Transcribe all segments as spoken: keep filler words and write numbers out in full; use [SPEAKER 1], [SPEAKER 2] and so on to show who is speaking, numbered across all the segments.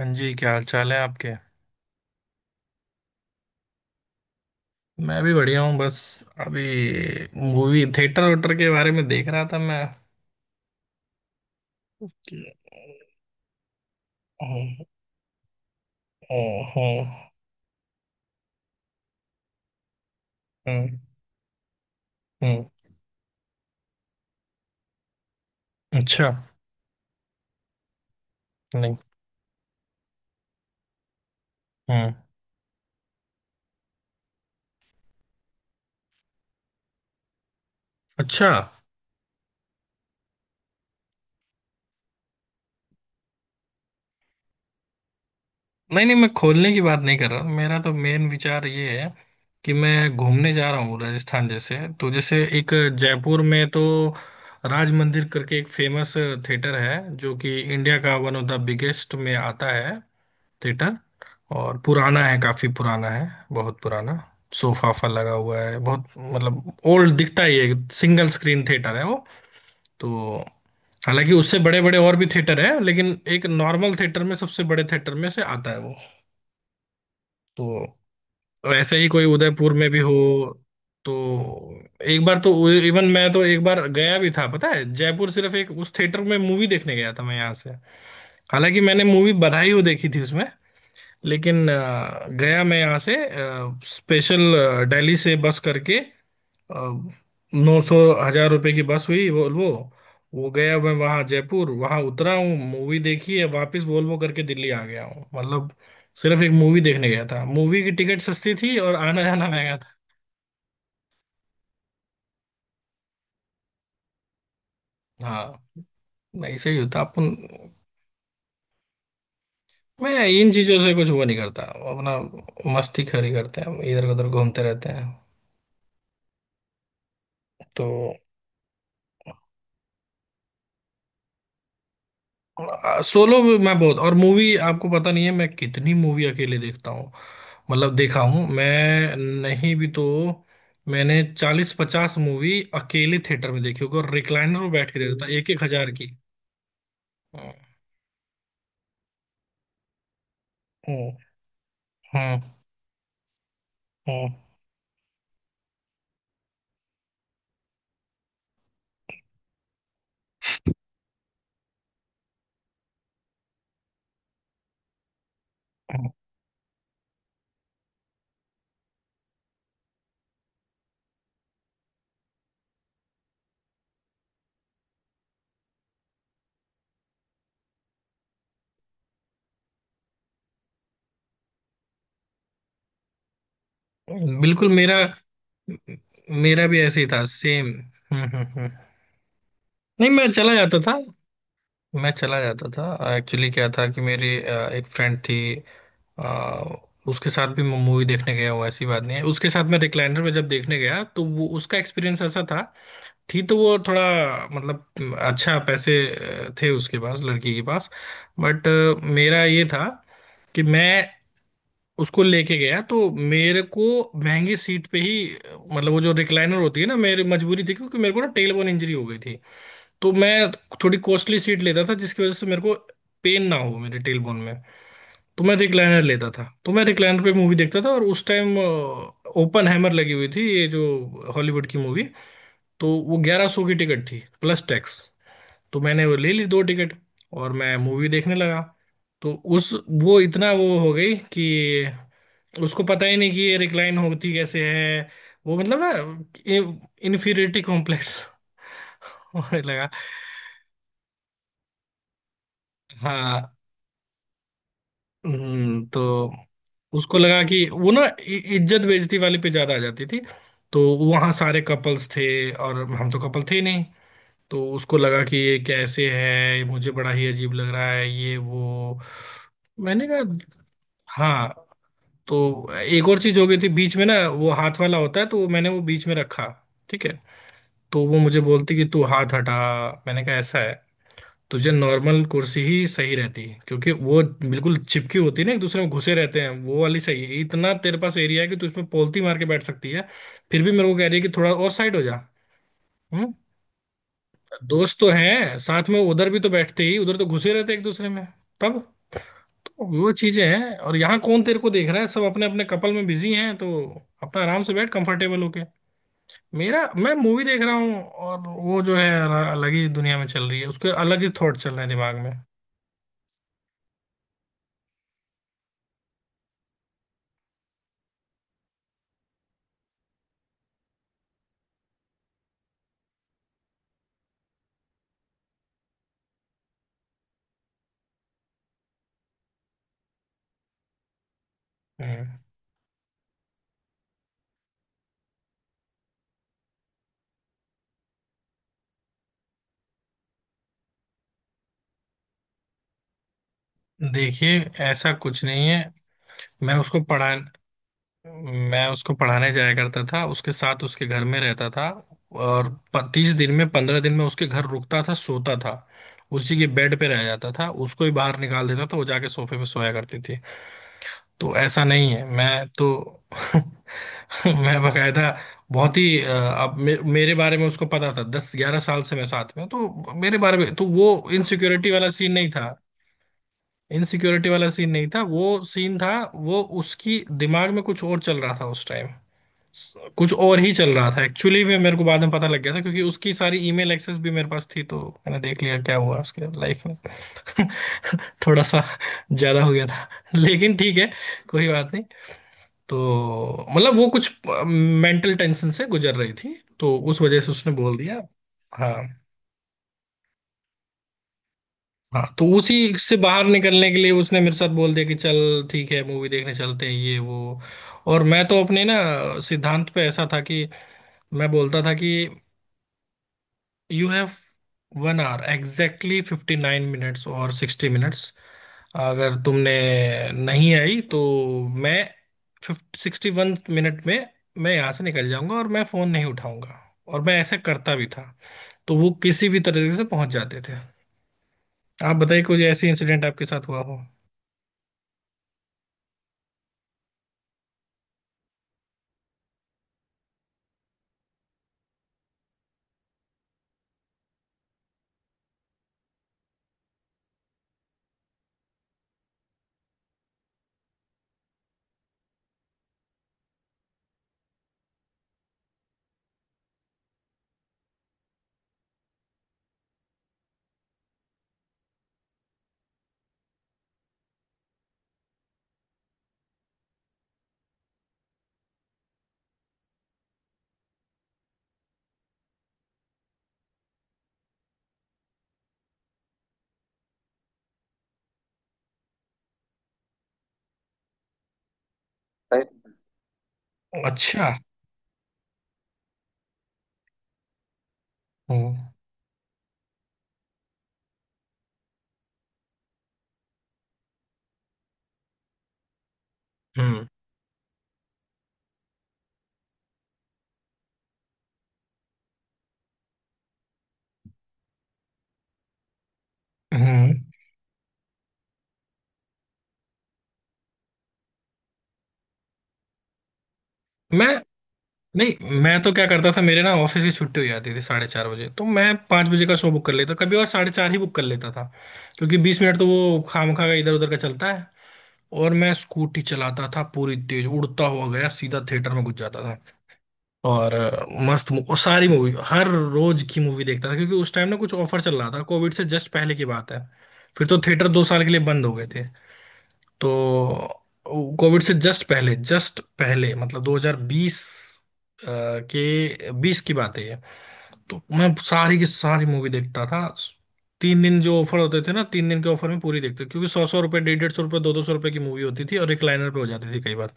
[SPEAKER 1] हाँ जी, क्या हाल चाल है आपके। मैं भी बढ़िया हूँ। बस अभी मूवी थिएटर वेटर के बारे में देख रहा था मैं कि- हम्म। हम्म। हम्म। हम्म। अच्छा। नहीं। हम्म। अच्छा। नहीं नहीं, मैं खोलने की बात नहीं कर रहा। मेरा तो मेन विचार ये है कि मैं घूमने जा रहा हूँ राजस्थान। जैसे तो जैसे एक जयपुर में तो राज मंदिर करके एक फेमस थिएटर है, जो कि इंडिया का वन ऑफ द बिगेस्ट में आता है थिएटर। और पुराना है, काफी पुराना है, बहुत पुराना। सोफा वोफा लगा हुआ है बहुत, मतलब ओल्ड दिखता ही है। सिंगल स्क्रीन थिएटर है वो। तो हालांकि उससे बड़े बड़े और भी थिएटर है, लेकिन एक नॉर्मल थिएटर में सबसे बड़े थिएटर में से आता है वो। तो ऐसे ही कोई उदयपुर में भी हो। तो एक बार तो इवन मैं तो एक बार गया भी था, पता है, जयपुर सिर्फ एक उस थिएटर में मूवी देखने गया था मैं यहाँ से। हालांकि मैंने मूवी बधाई हो देखी थी उसमें, लेकिन अ, गया मैं यहाँ से स्पेशल दिल्ली से बस करके। नौ सौ हजार रुपए की बस हुई वोल्वो। वो, गया मैं वहाँ जयपुर, वहाँ उतरा हूँ, मूवी देखी है, वापस वोल्वो करके दिल्ली आ गया हूँ। मतलब सिर्फ एक मूवी देखने गया था। मूवी की टिकट सस्ती थी और आना जाना महंगा था। हाँ, मैं ऐसे ही होता अपन। मैं इन चीजों से कुछ वो नहीं करता। अपना मस्ती खरी करते हैं, इधर उधर घूमते रहते हैं। तो सोलो मैं बहुत, और मूवी आपको पता नहीं है मैं कितनी मूवी अकेले देखता हूँ, मतलब देखा हूँ मैं, नहीं भी तो मैंने चालीस पचास मूवी अकेले थिएटर में देखी होगी और रिक्लाइनर में बैठ के देखता था, एक एक हजार की। हम्म। हम्म। हम्म। हम्म। बिल्कुल। मेरा मेरा भी ऐसे ही था सेम। हम्म। हम्म। हम्म। नहीं, मैं चला जाता था। मैं चला जाता था। एक्चुअली क्या था कि मेरी अ, एक फ्रेंड थी। आ, उसके साथ भी मैं मूवी देखने गया हूँ, ऐसी बात नहीं है। उसके साथ मैं रिक्लाइनर में जब देखने गया तो वो उसका एक्सपीरियंस ऐसा था। थी तो वो थोड़ा, मतलब अच्छा पैसे अ, थे उसके पास, लड़की के पास। बट मेरा ये था कि मैं उसको लेके गया तो मेरे को महंगी सीट पे ही, अ, मतलब वो जो रिक्लाइनर होती है ना, मेरी मजबूरी थी क्योंकि मेरे को ना टेलबोन इंजरी हो गई थी। तो मैं थोड़ी कॉस्टली सीट लेता था जिसकी वजह से मेरे को पेन ना हो मेरे टेलबोन में। तो मैं रिक्लाइनर लेता था, तो मैं रिक्लाइनर पे मूवी देखता था। और उस टाइम ओपन हैमर लगी हुई थी, ये जो हॉलीवुड की मूवी। तो वो ग्यारह सौ की टिकट थी प्लस टैक्स। तो मैंने वो ले ली दो टिकट और मैं मूवी देखने लगा। तो उस, वो इतना वो हो गई कि उसको पता ही नहीं कि ये रिक्लाइन होती कैसे है। वो मतलब ना इन्फीरियरिटी कॉम्प्लेक्स होने लगा। हाँ। हम्म। तो उसको लगा कि वो ना इ- इज्जत बेइज्जती वाले पे ज्यादा आ जाती थी। तो वहां सारे कपल्स थे, और हम तो कपल थे ही नहीं। तो उसको लगा कि ये कैसे है, मुझे बड़ा ही अजीब लग रहा है ये वो। मैंने कहा हाँ। तो एक और चीज हो गई थी, बीच में ना वो हाथ वाला होता है, तो वो मैंने वो बीच में रखा, ठीक है। तो वो मुझे बोलती कि तू हाथ हटा। मैंने कहा ऐसा है, तुझे नॉर्मल कुर्सी ही सही रहती है क्योंकि वो बिल्कुल चिपकी होती है ना, एक दूसरे में घुसे रहते हैं। वो वाली सही है, इतना तेरे पास एरिया है कि तू इसमें पोलती मार के बैठ सकती है। फिर भी मेरे को कह रही है कि थोड़ा और साइड हो जा। हम्म। दोस्त तो हैं साथ में उधर भी, तो बैठते ही उधर तो घुसे रहते हैं एक दूसरे में तब। तो वो चीजें हैं, और यहाँ कौन तेरे को देख रहा है, सब अपने अपने कपल में बिजी हैं। तो अपना आराम से बैठ कंफर्टेबल होके। मेरा, मैं मूवी देख रहा हूँ और वो जो है अलग ही दुनिया में चल रही है, उसके अलग ही थॉट चल रहे हैं दिमाग में। हम्म। देखिए, ऐसा कुछ नहीं है। मैं उसको पढ़ा, मैं उसको पढ़ाने जाया करता था, उसके साथ उसके घर में रहता था। और तीस दिन में पंद्रह दिन में उसके घर रुकता था, सोता था, उसी के बेड पे रह जाता था, उसको ही बाहर निकाल देता था, वो जाके सोफे पे सोया करती थी। तो ऐसा नहीं है मैं तो। मैं बकायदा बहुत ही अ, अब मे, मेरे बारे में उसको पता था, दस ग्यारह साल से मैं साथ में हूं, तो मेरे बारे में तो वो इनसिक्योरिटी वाला सीन नहीं था। इनसिक्योरिटी वाला सीन नहीं था वो। सीन था वो, उसकी दिमाग में कुछ और चल रहा था उस टाइम। कुछ और ही चल रहा था एक्चुअली में, मेरे को बाद में पता लग गया था क्योंकि उसकी सारी ईमेल एक्सेस भी मेरे पास थी। तो मैंने देख लिया क्या हुआ उसके लाइफ में। थोड़ा सा ज्यादा हो गया था, लेकिन ठीक है, कोई बात नहीं। तो मतलब वो कुछ मेंटल टेंशन से गुजर रही थी, तो उस वजह से उसने बोल दिया। हाँ। हाँ, तो उसी से बाहर निकलने के लिए उसने मेरे साथ बोल दिया कि चल ठीक है, मूवी देखने चलते हैं, ये वो। और मैं तो अपने ना सिद्धांत पे ऐसा था कि मैं बोलता था कि you have one hour, exactly fifty nine minutes और सिक्सटी मिनट्स। अगर तुमने नहीं आई तो मैं सिक्सटी वन मिनट में मैं यहाँ से निकल जाऊंगा और मैं फोन नहीं उठाऊंगा। और मैं ऐसे करता भी था। तो वो किसी भी तरीके से पहुंच जाते थे। आप बताइए कोई ऐसी इंसिडेंट आपके साथ हुआ हो। अच्छा। हम्म। हम्म। हम्म। मैं, नहीं मैं तो क्या करता था, मेरे ना ऑफिस की छुट्टी हो जाती थी साढ़े चार बजे, तो मैं पाँच बजे का शो बुक कर लेता कभी, और साढ़े चार ही बुक कर लेता था क्योंकि बीस मिनट तो वो खामखा का इधर उधर का चलता है। और मैं स्कूटी चलाता था पूरी तेज उड़ता हुआ गया सीधा थिएटर में घुस जाता था। और अ, मस्त मु- और सारी मूवी, हर रोज की मूवी देखता था क्योंकि उस टाइम ना कुछ ऑफर चल रहा था। कोविड से जस्ट पहले की बात है, फिर तो थिएटर दो साल के लिए बंद हो गए थे। तो कोविड से जस्ट पहले, जस्ट पहले मतलब दो हज़ार बीस, अ, के बीस की बात है ये। तो मैं सारी की सारी मूवी देखता था, तीन दिन जो ऑफर होते थे ना तीन दिन के ऑफर में पूरी देखते क्योंकि सौ सौ रुपए, डेढ़ डेढ़ सौ रुपए, दो दो सौ रुपए की मूवी होती थी और रिक्लाइनर पे हो जाती थी कई बार।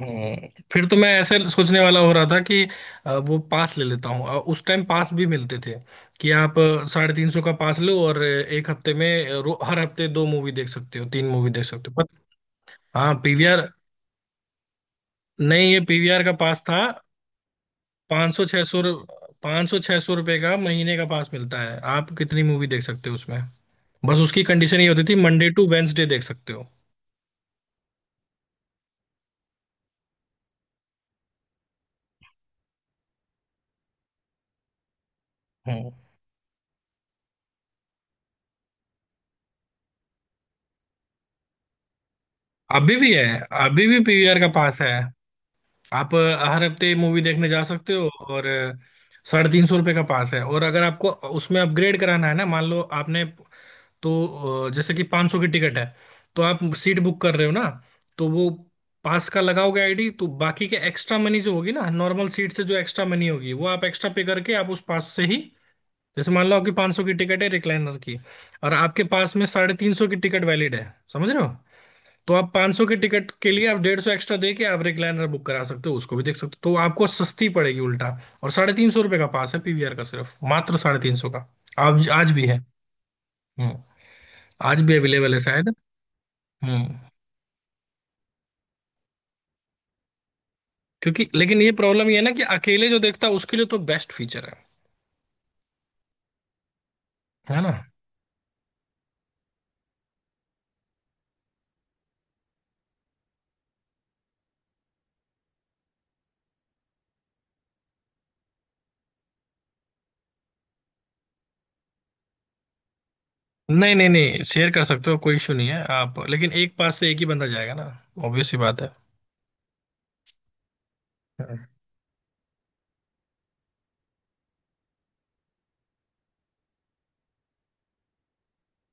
[SPEAKER 1] हम्म, फिर तो मैं ऐसे सोचने वाला हो रहा था कि अ, वो पास ले लेता हूँ, अ, उस टाइम पास भी मिलते थे कि आप अ, साढ़े तीन सौ का पास लो और अ, एक हफ्ते में अ, रो- हर हफ्ते दो मूवी देख सकते हो, तीन मूवी देख सकते हो। हाँ, पीवीआर। नहीं, ये पीवीआर का पास था। पाँच सौ छह सौ, पाँच सौ छह सौ रुपये का महीने का पास मिलता है, आप कितनी मूवी देख सकते हो उसमें। बस उसकी कंडीशन ये होती थी, मंडे टू वेंसडे देख सकते हो। हम्म। अभी भी है, अभी भी पीवीआर का पास है। आप अ, हर हफ्ते मूवी देखने जा सकते हो। और अ, साढ़े तीन सौ रुपये का पास है। और अगर आपको उसमें अपग्रेड कराना है ना, मान लो आपने, तो अ, जैसे कि पाँच सौ की टिकट है, तो आप सीट बुक कर रहे हो ना, तो वो पास का लगाओगे आईडी, तो बाकी के एक्स्ट्रा मनी जो होगी ना, नॉर्मल सीट से जो एक्स्ट्रा मनी होगी वो आप एक्स्ट्रा पे करके आप उस पास से ही। जैसे मान लो आपकी पाँच सौ की टिकट है रिक्लाइनर की, और आपके पास में साढ़े तीन सौ की टिकट वैलिड है, समझ रहे हो। तो आप पाँच सौ की टिकट के लिए आप डेढ़ सौ एक्स्ट्रा दे के आप रिक्लाइनर बुक करा सकते हो, उसको भी देख सकते हो, तो आपको सस्ती पड़ेगी उल्टा। और साढ़े तीन सौ रुपये का पास है पीवीआर का, सिर्फ मात्र साढ़े तीन सौ का। आज आज भी है। हम्म। आज भी अवेलेबल है शायद। हम्म। क्योंकि लेकिन ये प्रॉब्लम ये है ना कि अकेले जो देखता है उसके लिए तो बेस्ट फीचर है है ना। नहीं नहीं नहीं, शेयर कर सकते हो कोई इशू नहीं है आप, लेकिन एक पास से एक ही बंदा जाएगा ना, ऑब्वियस ही बात है। हम्म।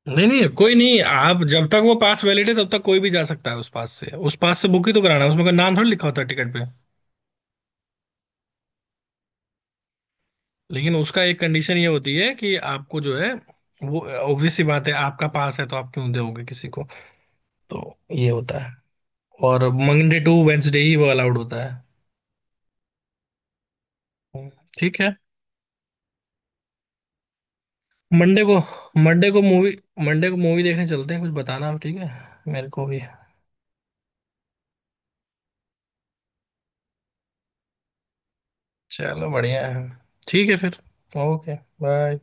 [SPEAKER 1] नहीं नहीं, कोई नहीं, आप जब तक वो पास वैलिड है तब तक कोई भी जा सकता है उस पास से, उस पास से बुक ही तो कराना है, उसमें कोई नाम थोड़ी लिखा होता है टिकट पे। लेकिन उसका एक कंडीशन ये होती है कि आपको जो है वो ऑब्वियस ही बात है, आपका पास है तो आप क्यों दोगे किसी को। तो ये होता है। और मंडे टू वेंसडे ही वो अलाउड होता है। हम्म। ठीक है। मंडे को, मंडे को मूवी, मंडे को मूवी देखने चलते हैं कुछ बताना आप, ठीक है, मेरे को भी। चलो बढ़िया है। ठीक है फिर। ओके। बाय।